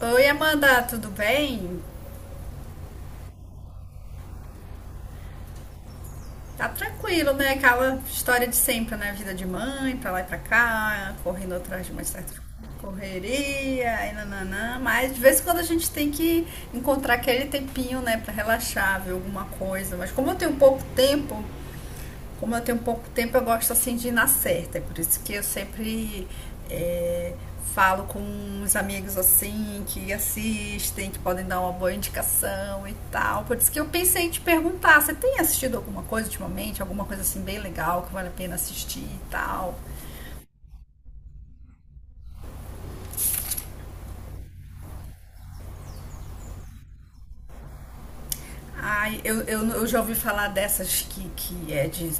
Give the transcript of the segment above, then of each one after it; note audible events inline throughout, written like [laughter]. Oi, Amanda, tudo bem? Tá tranquilo, né? Aquela história de sempre, né? Vida de mãe, pra lá e pra cá, correndo atrás de uma certa correria, e nananã. Mas de vez em quando a gente tem que encontrar aquele tempinho, né, pra relaxar, ver alguma coisa. Mas como eu tenho pouco tempo, como eu tenho pouco tempo, eu gosto assim de ir na certa. É por isso que eu sempre é, falo com uns amigos assim que assistem, que podem dar uma boa indicação e tal. Por isso que eu pensei em te perguntar, você tem assistido alguma coisa ultimamente? Alguma coisa assim bem legal que vale a pena assistir e tal? Ai, eu já ouvi falar dessas que é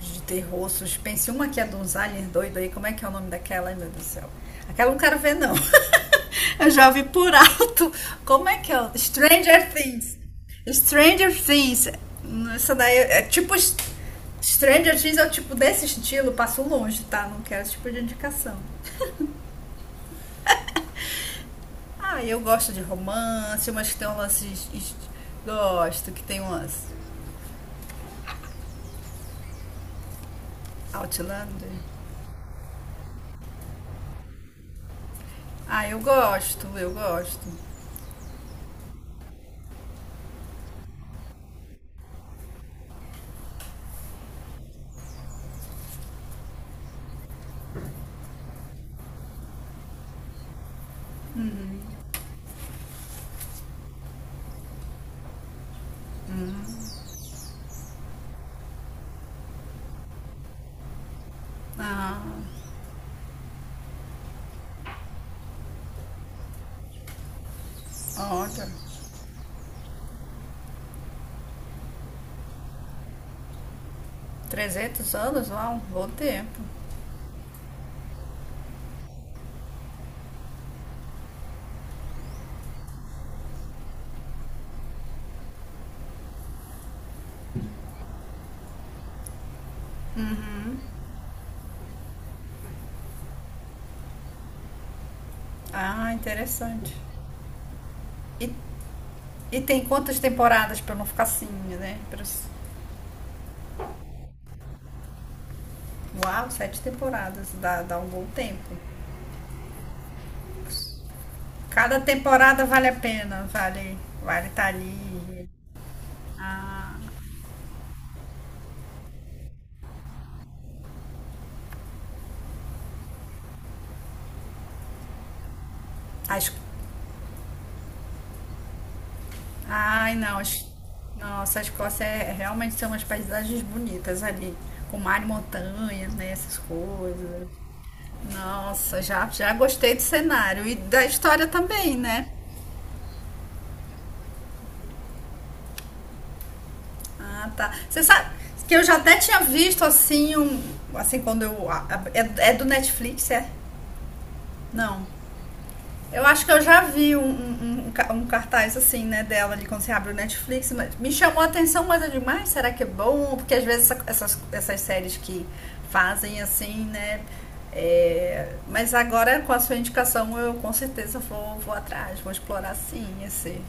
de terror, suspense. Uma que é dos aliens doido aí, como é que é o nome daquela? Ai, meu Deus do céu. Aquela eu não quero ver, não. [laughs] Eu já ouvi por alto. Como é que é? Stranger Things. Stranger Things. Essa daí é tipo. Stranger Things é o tipo desse estilo, passo longe, tá? Não quero esse tipo de indicação. Ah, eu gosto de romance, umas que tem um lance. Gosto, que tem umas Outlander. Ah, eu gosto, eu gosto. Ah, olha, 300 anos, uau, bom tempo. Ah, interessante. E, e tem quantas temporadas para não ficar assim, né? Uau, sete temporadas, dá, dá um bom tempo. Cada temporada vale a pena, vale estar ali. As, Ai, não. Nossa, a Escócia é, realmente são umas paisagens bonitas ali, com mar e montanha, né? Essas coisas. Nossa, já, já gostei do cenário e da história também, né? Ah, tá. Você sabe que eu já até tinha visto assim um, assim quando eu é, é do Netflix, é? Não. Eu acho que eu já vi um cartaz assim, né, dela ali quando você abre o Netflix. Me chamou a atenção, mas eu digo, mas será que é bom? Porque às vezes essas, essas séries que fazem assim, né? É, mas agora com a sua indicação eu com certeza vou, vou atrás, vou explorar sim esse.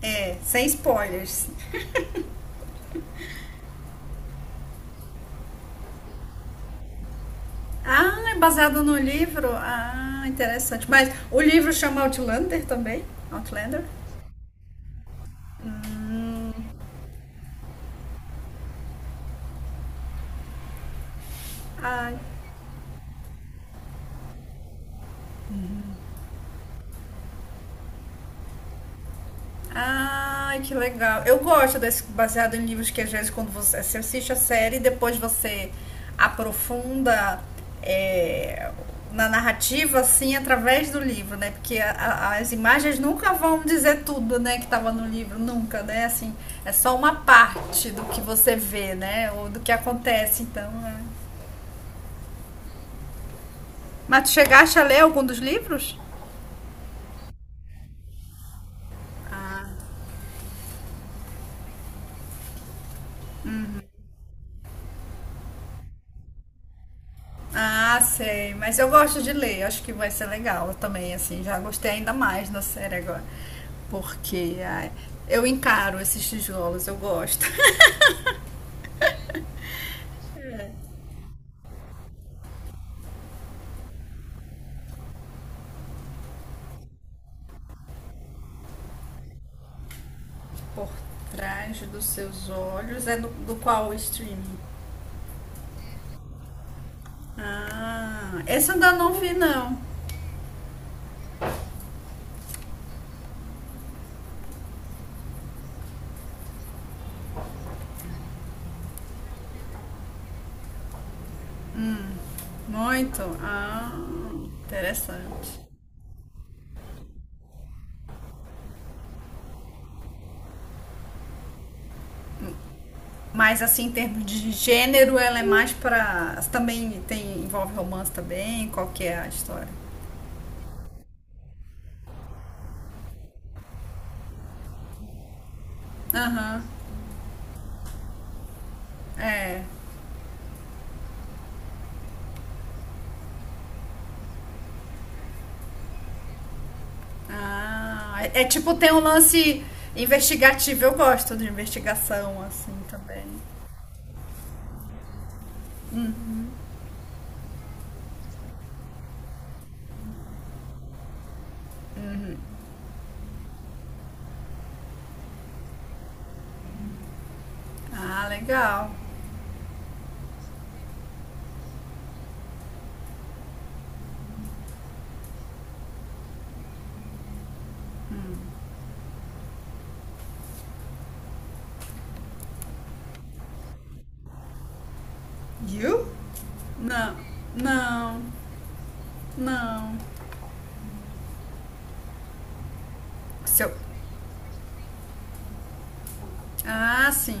É, sem spoilers. Ah, é baseado no livro? Ah, interessante. Mas o livro chama Outlander também? Outlander? Ah, ai, que legal. Eu gosto desse baseado em livros que às vezes quando você, você assiste a série e depois você aprofunda é, na narrativa, assim, através do livro, né? Porque as imagens nunca vão dizer tudo, né, que estava no livro, nunca, né? Assim, é só uma parte do que você vê, né? Ou do que acontece, então. É. Mas tu chegaste a ler algum dos livros? Ah, sei. Mas eu gosto de ler. Acho que vai ser legal também, assim. Já gostei ainda mais da série agora. Porque ai, eu encaro esses tijolos, eu gosto. [laughs] É. Por trás dos seus olhos é do, do qual streaming? Ah, esse eu ainda não vi, não. Muito. Ah, interessante. Mas assim, em termos de gênero, ela é mais pra. Também tem, envolve romance também? Qual que é a história? Aham, é. Ah, é, é tipo tem um lance investigativo. Eu gosto de investigação assim também. Ah, legal. You? Não, não, não. Seu. Ah, sim.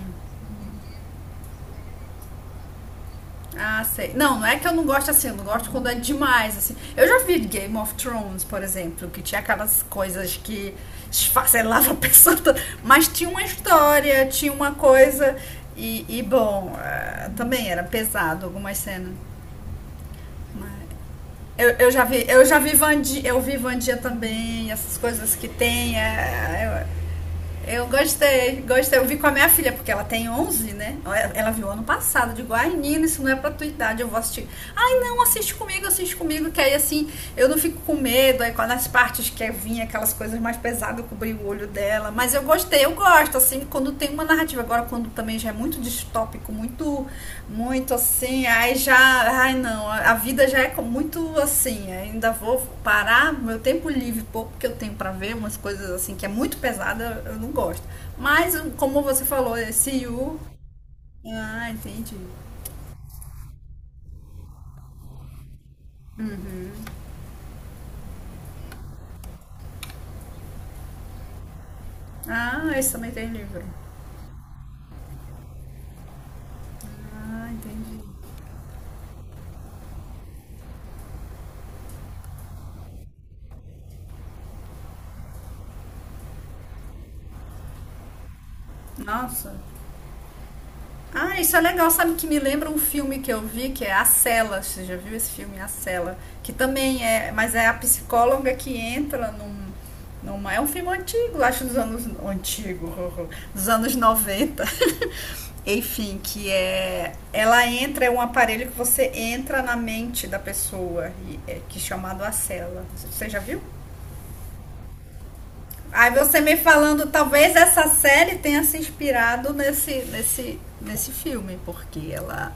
Ah, sei. Não, não é que eu não gosto assim, eu não gosto quando é demais, assim. Eu já vi Game of Thrones, por exemplo, que tinha aquelas coisas que esfacelava a pessoa toda, [laughs] mas tinha uma história, tinha uma coisa, e bom, também era pesado algumas cenas, mas Eu já vi Vandia, eu vi Vandia também, essas coisas que tem. Eu gostei, gostei. Eu vi com a minha filha, porque ela tem 11 né? Ela viu ano passado. Eu digo, ai, Nina, isso não é pra tua idade, eu vou assistir. Ai, não, assiste comigo, que aí assim, eu não fico com medo. Aí quando as partes que vinha aquelas coisas mais pesadas, eu cobri o olho dela. Mas eu gostei, eu gosto, assim, quando tem uma narrativa agora quando também já é muito distópico, muito muito assim, aí já, ai não, a vida já é muito assim, ainda vou parar meu tempo livre pouco que eu tenho para ver umas coisas assim que é muito pesada, eu não gosto. Mas um, como você falou, esse you, ah, entendi. Ah, esse também tem livro. Ah, entendi. Nossa, ah, isso é legal, sabe que me lembra um filme que eu vi, que é A Cela. Você já viu esse filme, A Cela? Que também é, mas é a psicóloga que entra num, numa, é um filme antigo, acho dos anos antigo, [laughs] dos anos 90. [laughs] Enfim, que é ela entra é um aparelho que você entra na mente da pessoa, e é, que é chamado A Cela. Você já viu? Aí você me falando, talvez essa série tenha se inspirado nesse filme, porque ela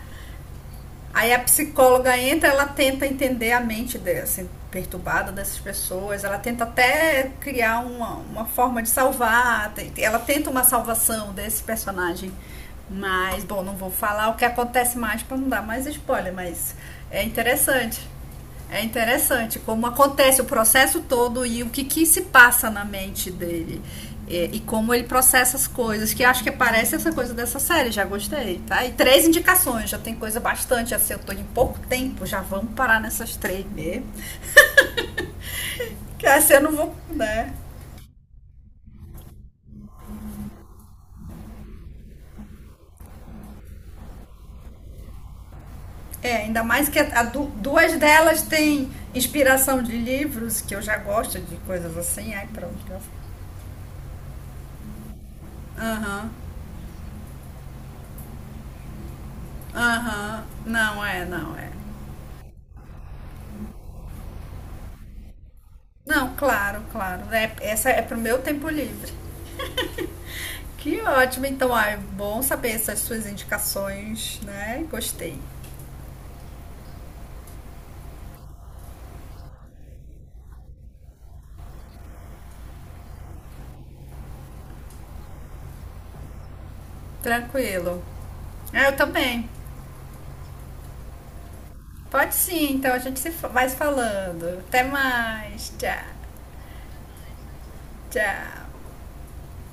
aí a psicóloga entra, ela tenta entender a mente dessa, perturbada dessas pessoas, ela tenta até criar uma forma de salvar, ela tenta uma salvação desse personagem. Mas, bom, não vou falar o que acontece mais para não dar mais spoiler, mas é interessante. É interessante como acontece o processo todo e o que, que se passa na mente dele. É, e como ele processa as coisas, que acho que parece essa coisa dessa série, já gostei, tá? E três indicações, já tem coisa bastante, assim, eu tô em pouco tempo, já vamos parar nessas três mesmo. Que assim eu não vou, né? É, ainda mais que duas delas têm inspiração de livros, que eu já gosto de coisas assim, aí pronto. Aham, uhum, aham, uhum. Não é, não é. Não, claro, claro. É, essa é pro meu tempo livre. Que ótimo, então, ah, é bom saber essas suas indicações, né? Gostei. Tranquilo. Ah, eu também. Pode sim, então a gente se fa- vai se falando. Até mais. Tchau, tchau.